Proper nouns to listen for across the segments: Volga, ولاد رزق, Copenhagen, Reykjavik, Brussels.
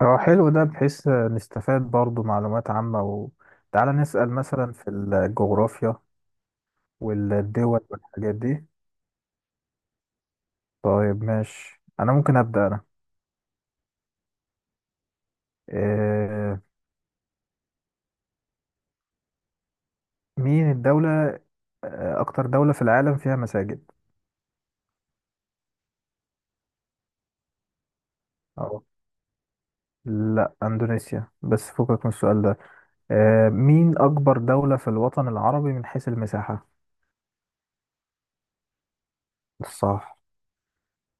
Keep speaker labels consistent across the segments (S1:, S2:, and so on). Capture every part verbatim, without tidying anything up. S1: اه، حلو ده بحيث نستفاد برضو معلومات عامة. وتعالى نسأل مثلا في الجغرافيا والدول والحاجات دي. طيب ماشي، أنا ممكن أبدأ أنا. آه، مين الدولة آه، أكتر دولة في العالم فيها مساجد؟ اه لا، أندونيسيا، بس فكك من السؤال ده. آه، مين أكبر دولة في الوطن العربي من حيث المساحة؟ صح.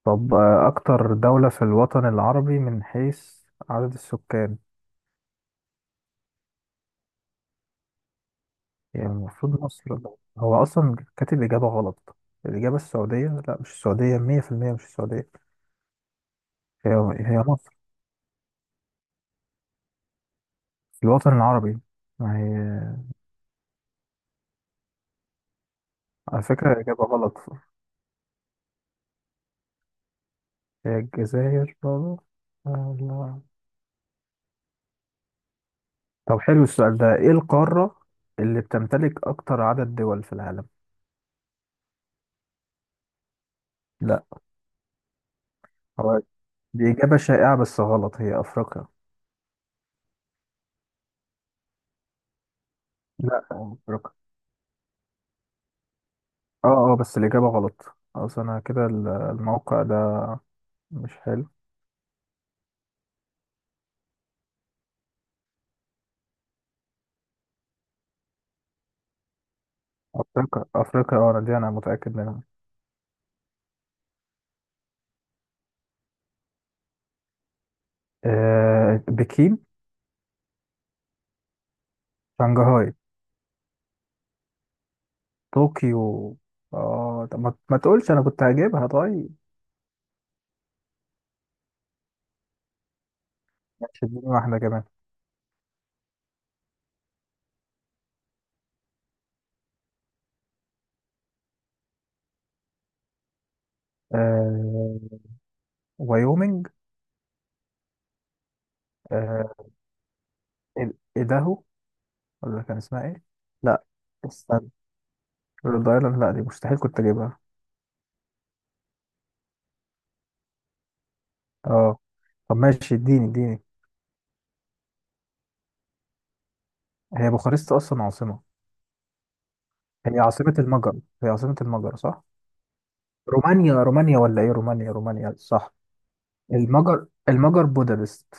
S1: طب آه، أكتر دولة في الوطن العربي من حيث عدد السكان. يعني المفروض مصر. هو أصلا كاتب إجابة غلط. الإجابة السعودية، لا مش السعودية، مية في المية مش السعودية هي. هي مصر. الوطن العربي، ما هي. على فكرة إجابة غلط، هي الجزائر برضه. الله. طب حلو السؤال ده، إيه القارة اللي بتمتلك أكتر عدد دول في العالم؟ لا. هو دي إجابة شائعة بس غلط، هي أفريقيا. لا أفريقيا، اه اه، بس الإجابة غلط. أصل أنا كده ال- الموقع ده مش حلو. أفريقيا أفريقيا، اه أنا دي أنا متأكد منها. آه بكين. شنغهاي. طوكيو. اه طب ما ما تقولش، انا كنت هجيبها. طيب ماشي، اديني واحدة كمان. آه وايومنج. آه، إد- ايداهو، ولا كان اسمها ايه؟ لا استنى، رhode ايلاند، لا دي مستحيل كنت اجيبها. اه طب ماشي، اديني اديني. هي بوخارست اصلا عاصمة؟ هي عاصمة المجر. هي عاصمة المجر صح؟ رومانيا رومانيا، ولا ايه؟ رومانيا رومانيا صح. المجر المجر بودابست.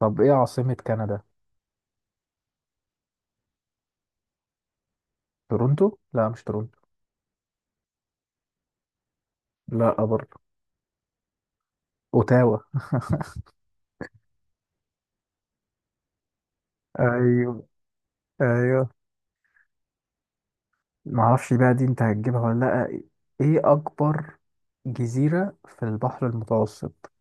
S1: طب ايه عاصمة كندا؟ تورونتو؟ لا مش تورونتو. لا برضه. اوتاوا. ايوه ايوه. ما اعرفش بقى دي انت هتجيبها ولا لا. ايه اكبر جزيرة في البحر المتوسط؟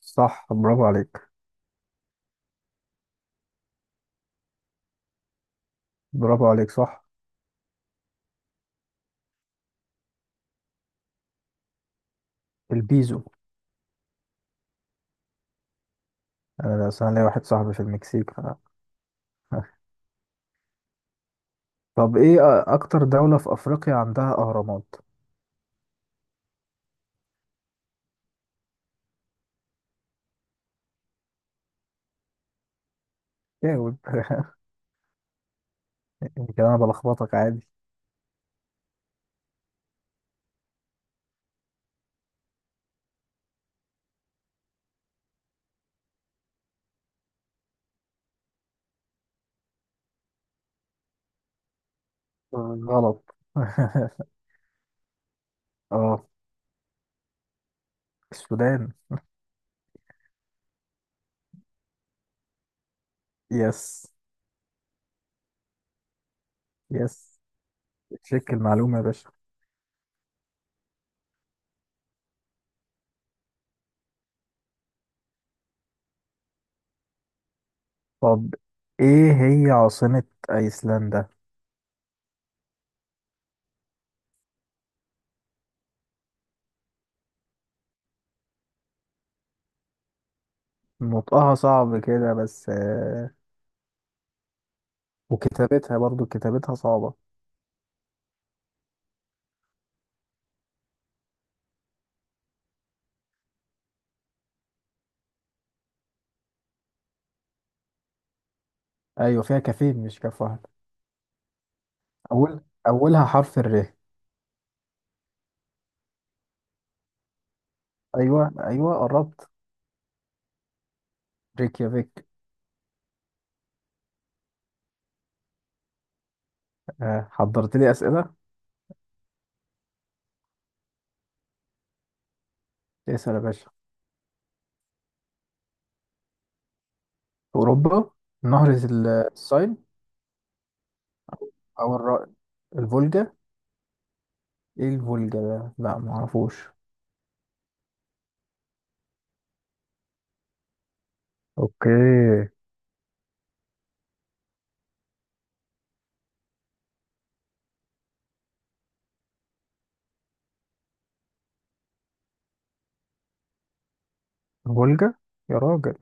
S1: صح، برافو عليك. برافو عليك صح. البيزو. انا أصل انا ليا واحد صاحبي في المكسيك ف... طب ايه، أ- اكتر دولة في افريقيا عندها اهرامات؟ جاوب. يمكن انا بلخبطك، عادي. غلط. اه، السودان. يس. يس، تشيك المعلومة يا باشا. طب ايه هي عاصمة ايسلندا؟ نطقها صعب كده، بس آه، وكتابتها برضو، كتابتها صعبة. ايوه فيها كافين مش كاف واحد. اول، اولها حرف الر. ايوه ايوه، قربت. ريكيافيك. آه، حضرت لي اسئلة. اسأل يا باشا. اوروبا، نهر ال- الساين. او الر- الفولجا؟ ايه الفولجا ده، لا معرفوش. اوكي. الفولجا، يا راجل.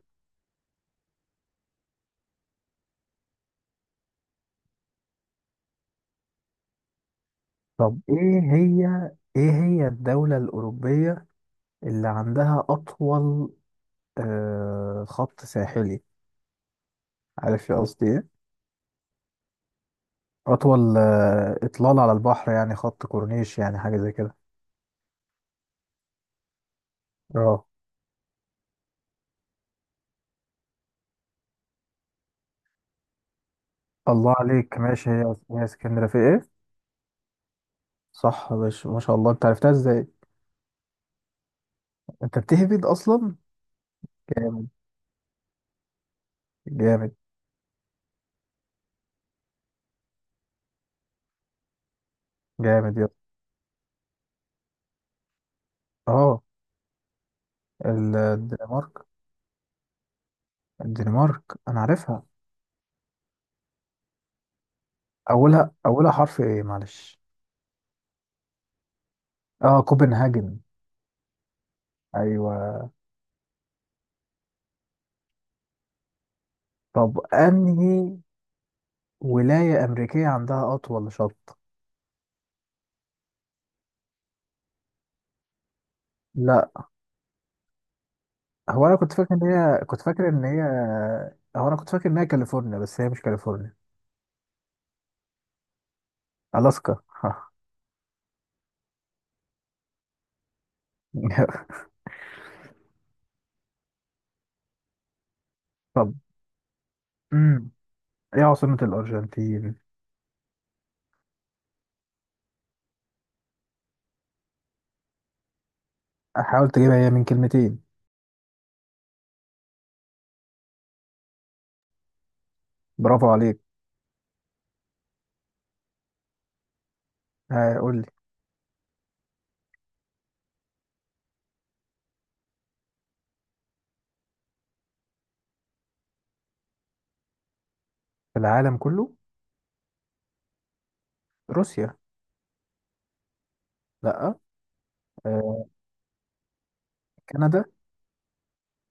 S1: طب ايه هي، ايه هي الدولة الأوروبية اللي عندها أطول آه، خط ساحلي، عارف يا قصدي إيه؟ أطول آه، إطلالة على البحر، يعني خط كورنيش، يعني حاجة زي كده. اه. الله عليك ماشي، هي هي اسكندرية في إيه؟ صح يا باشا، ما شاء الله، أنت عرفتها إزاي؟ أنت بتهبد أصلا؟ جامد. جامد. جامد يا اسطى. اه، ال- الدنمارك. الدنمارك أنا عارفها. أولها أولها حرف إيه معلش؟ اه كوبنهاجن. أيوه. طب أنهي ولاية أمريكية عندها أطول شط؟ لا. هو انا كنت فاكر ان هي، كنت فاكر ان هي، هو انا كنت فاكر ان هي كاليفورنيا، بس هي مش كاليفورنيا. الاسكا. طب امم، ايه عاصمة الارجنتين؟ حاول تجيبها، هي من كلمتين. برافو عليك. آه، قول لي. في العالم كله؟ روسيا. لا. آه، كندا.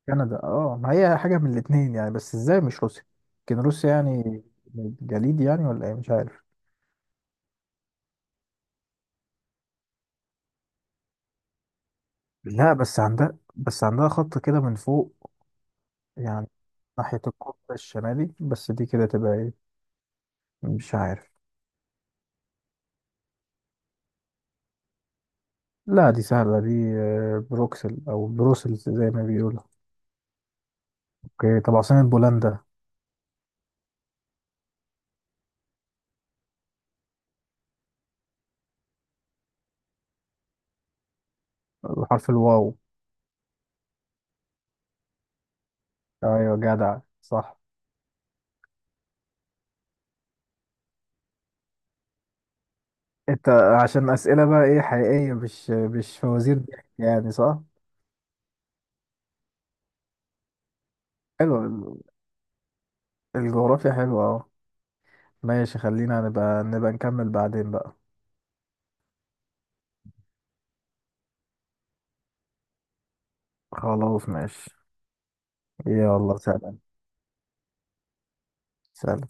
S1: كندا اه، ما هي حاجة من الاتنين يعني، بس ازاي مش روسيا؟ كان روسيا يعني. جليد يعني ولا ايه، مش عارف. لا بس عندها، بس عندها خط كده من فوق يعني، ناحية القطب الشمالي، بس دي كده تبقى ايه، مش عارف. لا دي سهلة دي، آه، بروكسل أو بروسلز زي ما بيقولوا. اوكي طب عاصمة بولندا. بحرف الواو. ايوه جدع، صح. انت عشان أسئلة بقى ايه حقيقية، مش مش فوازير ضحك يعني، صح. حلو. الجغرافيا حلوة، اه. ماشي، خلينا نبقى، نبقى نكمل بعدين بقى. خلاص ماشي. يلا سلام. سلام.